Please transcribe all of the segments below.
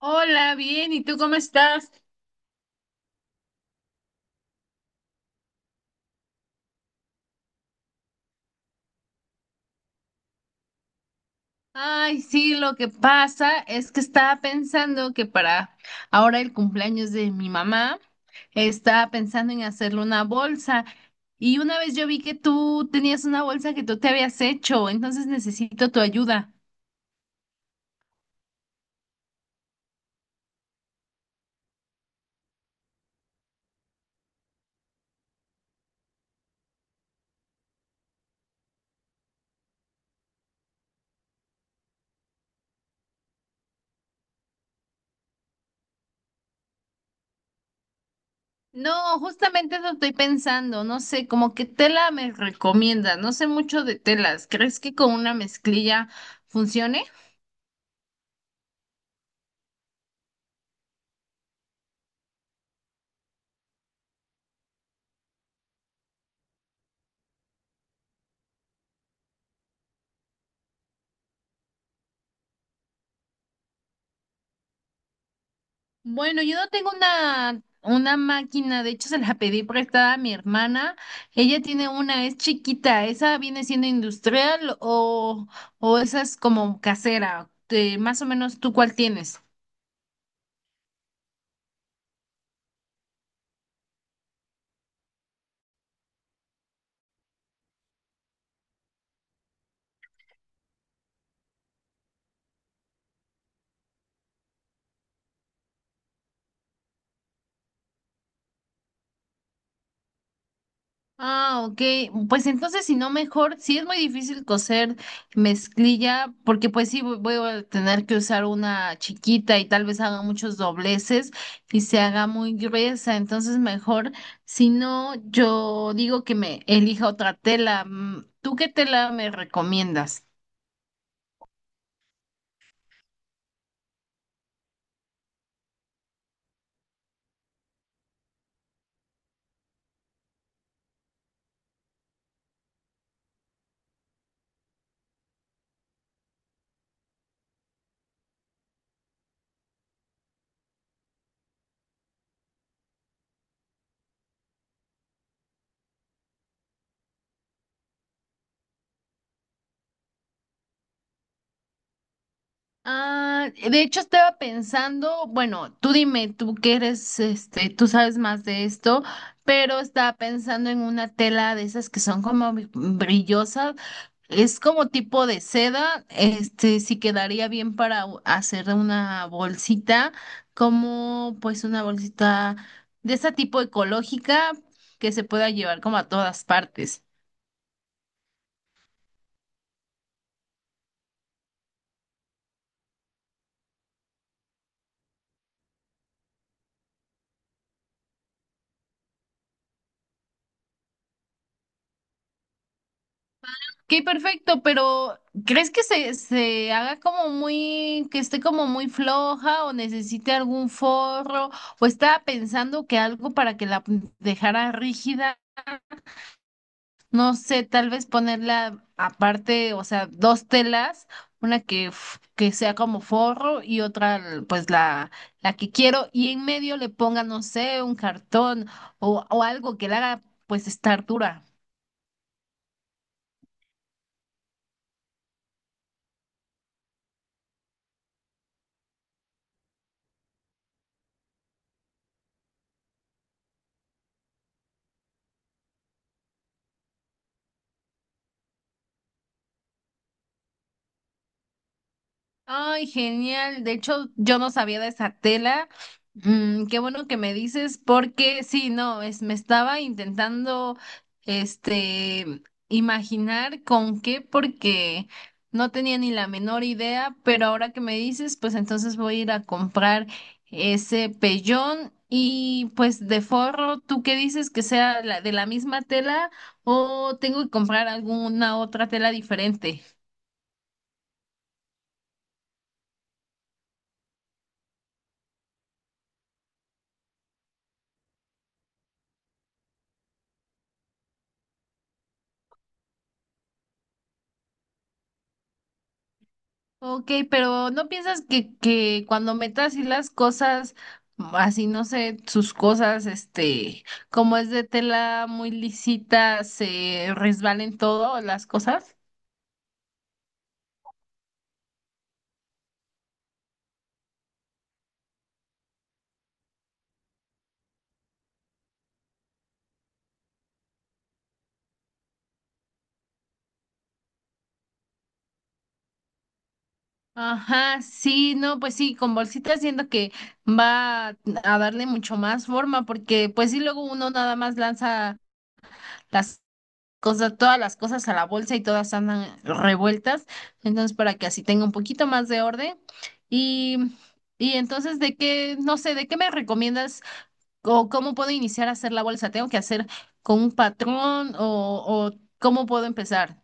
Hola, bien, ¿y tú cómo estás? Ay, sí, lo que pasa es que estaba pensando que para ahora el cumpleaños de mi mamá, estaba pensando en hacerle una bolsa. Y una vez yo vi que tú tenías una bolsa que tú te habías hecho, entonces necesito tu ayuda. No, justamente eso estoy pensando, no sé, como que tela me recomienda, no sé mucho de telas, ¿crees que con una mezclilla funcione? Bueno, yo no tengo una máquina, de hecho se la pedí prestada a mi hermana. Ella tiene una, es chiquita, ¿esa viene siendo industrial o esa es como casera? Más o menos, ¿tú cuál tienes? Ah, ok. Pues entonces, si no, mejor, sí es muy difícil coser mezclilla, porque pues sí voy a tener que usar una chiquita y tal vez haga muchos dobleces y se haga muy gruesa. Entonces, mejor, si no, yo digo que me elija otra tela. Mm, ¿tú qué tela me recomiendas? Ah, de hecho estaba pensando, bueno, tú dime, tú que eres, este, tú sabes más de esto, pero estaba pensando en una tela de esas que son como brillosas, es como tipo de seda, este, sí quedaría bien para hacer una bolsita, como pues una bolsita de ese tipo ecológica que se pueda llevar como a todas partes. Qué perfecto, pero ¿crees que se haga como muy, que esté como muy floja o necesite algún forro o estaba pensando que algo para que la dejara rígida? No sé, tal vez ponerla aparte, o sea, dos telas, una que sea como forro y otra pues la que quiero y en medio le ponga, no sé, un cartón o algo que la haga pues estar dura. Ay, genial. De hecho, yo no sabía de esa tela. Mm, qué bueno que me dices, porque sí, no, es, me estaba intentando, este, imaginar con qué, porque no tenía ni la menor idea, pero ahora que me dices, pues entonces voy a ir a comprar ese pellón y pues de forro, ¿tú qué dices que sea de la misma tela o tengo que comprar alguna otra tela diferente? Ok, pero ¿no piensas que cuando metas así las cosas, así no sé, sus cosas, este, como es de tela muy lisita, se resbalen todo las cosas? Ajá, sí, no, pues sí, con bolsitas siento que va a darle mucho más forma, porque pues sí, luego uno nada más lanza las cosas, todas las cosas a la bolsa y todas andan revueltas. Entonces, para que así tenga un poquito más de orden. Y, y entonces, ¿de qué, no sé, de qué me recomiendas o cómo puedo iniciar a hacer la bolsa? ¿Tengo que hacer con un patrón o cómo puedo empezar?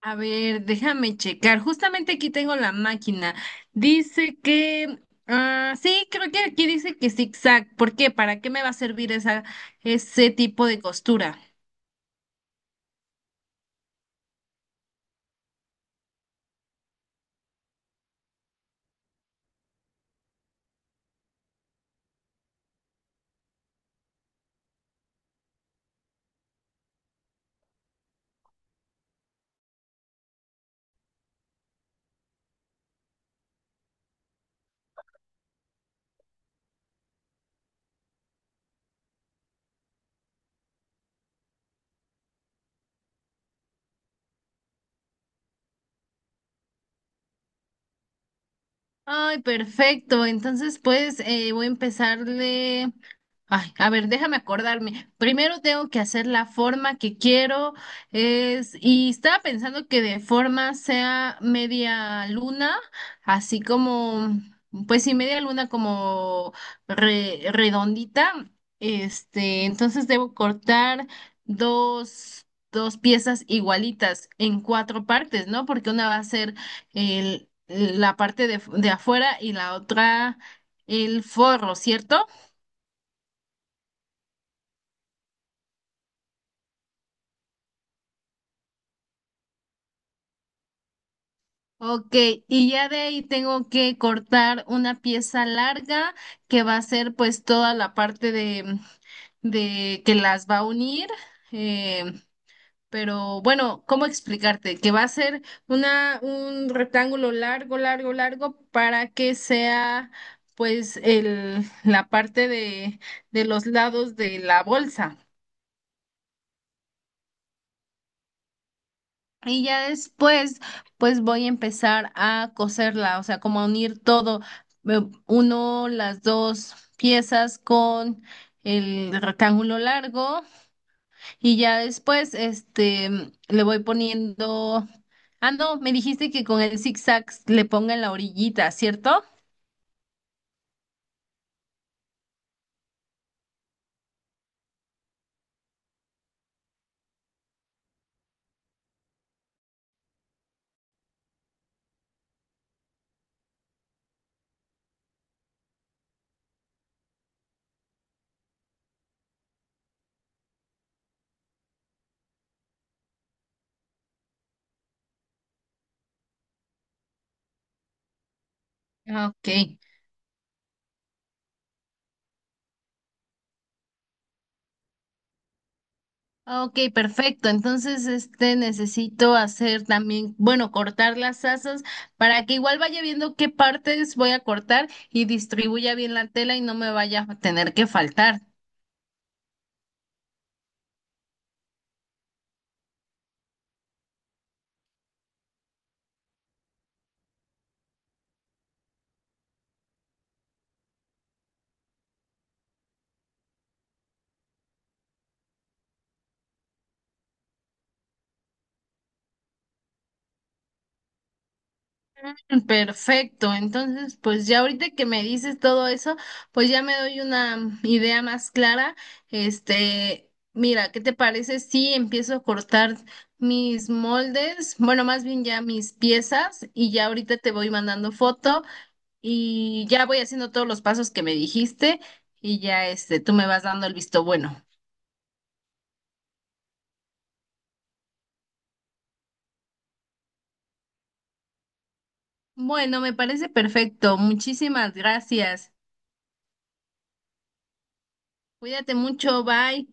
A ver, déjame checar. Justamente aquí tengo la máquina. Dice que, ah, sí, creo que aquí dice que zigzag. ¿Por qué? ¿Para qué me va a servir esa, ese tipo de costura? Ay, perfecto. Entonces, pues voy a empezarle. Ay, a ver, déjame acordarme. Primero tengo que hacer la forma que quiero. Es, y estaba pensando que de forma sea media luna, así como, pues sí, media luna como redondita. Este, entonces debo cortar dos piezas igualitas en cuatro partes, ¿no? Porque una va a ser la parte de afuera y la otra el forro, ¿cierto? Ok, y ya de ahí tengo que cortar una pieza larga que va a ser pues toda la parte de que las va a unir. eh, pero bueno, ¿cómo explicarte? Que va a ser un rectángulo largo, largo, largo para que sea pues la parte de los lados de la bolsa. Y ya después, pues voy a empezar a coserla, o sea, como a unir todo, eh, uno, las dos piezas con el rectángulo largo y ya después, este, le voy poniendo, ah, no, me dijiste que con el zigzag le ponga en la orillita, ¿cierto? Ah, ok. Ah, ok, perfecto. Entonces, este necesito hacer también, bueno, cortar las asas para que igual vaya viendo qué partes voy a cortar y distribuya bien la tela y no me vaya a tener que faltar. Perfecto. Entonces, pues ya ahorita que me dices todo eso, pues ya me doy una idea más clara. Este, mira, ¿qué te parece si empiezo a cortar mis moldes? Bueno, más bien ya mis piezas y ya ahorita te voy mandando foto. Y ya voy haciendo todos los pasos que me dijiste y ya este, tú me vas dando el visto bueno. Bueno, me parece perfecto. Muchísimas gracias. Cuídate mucho, bye.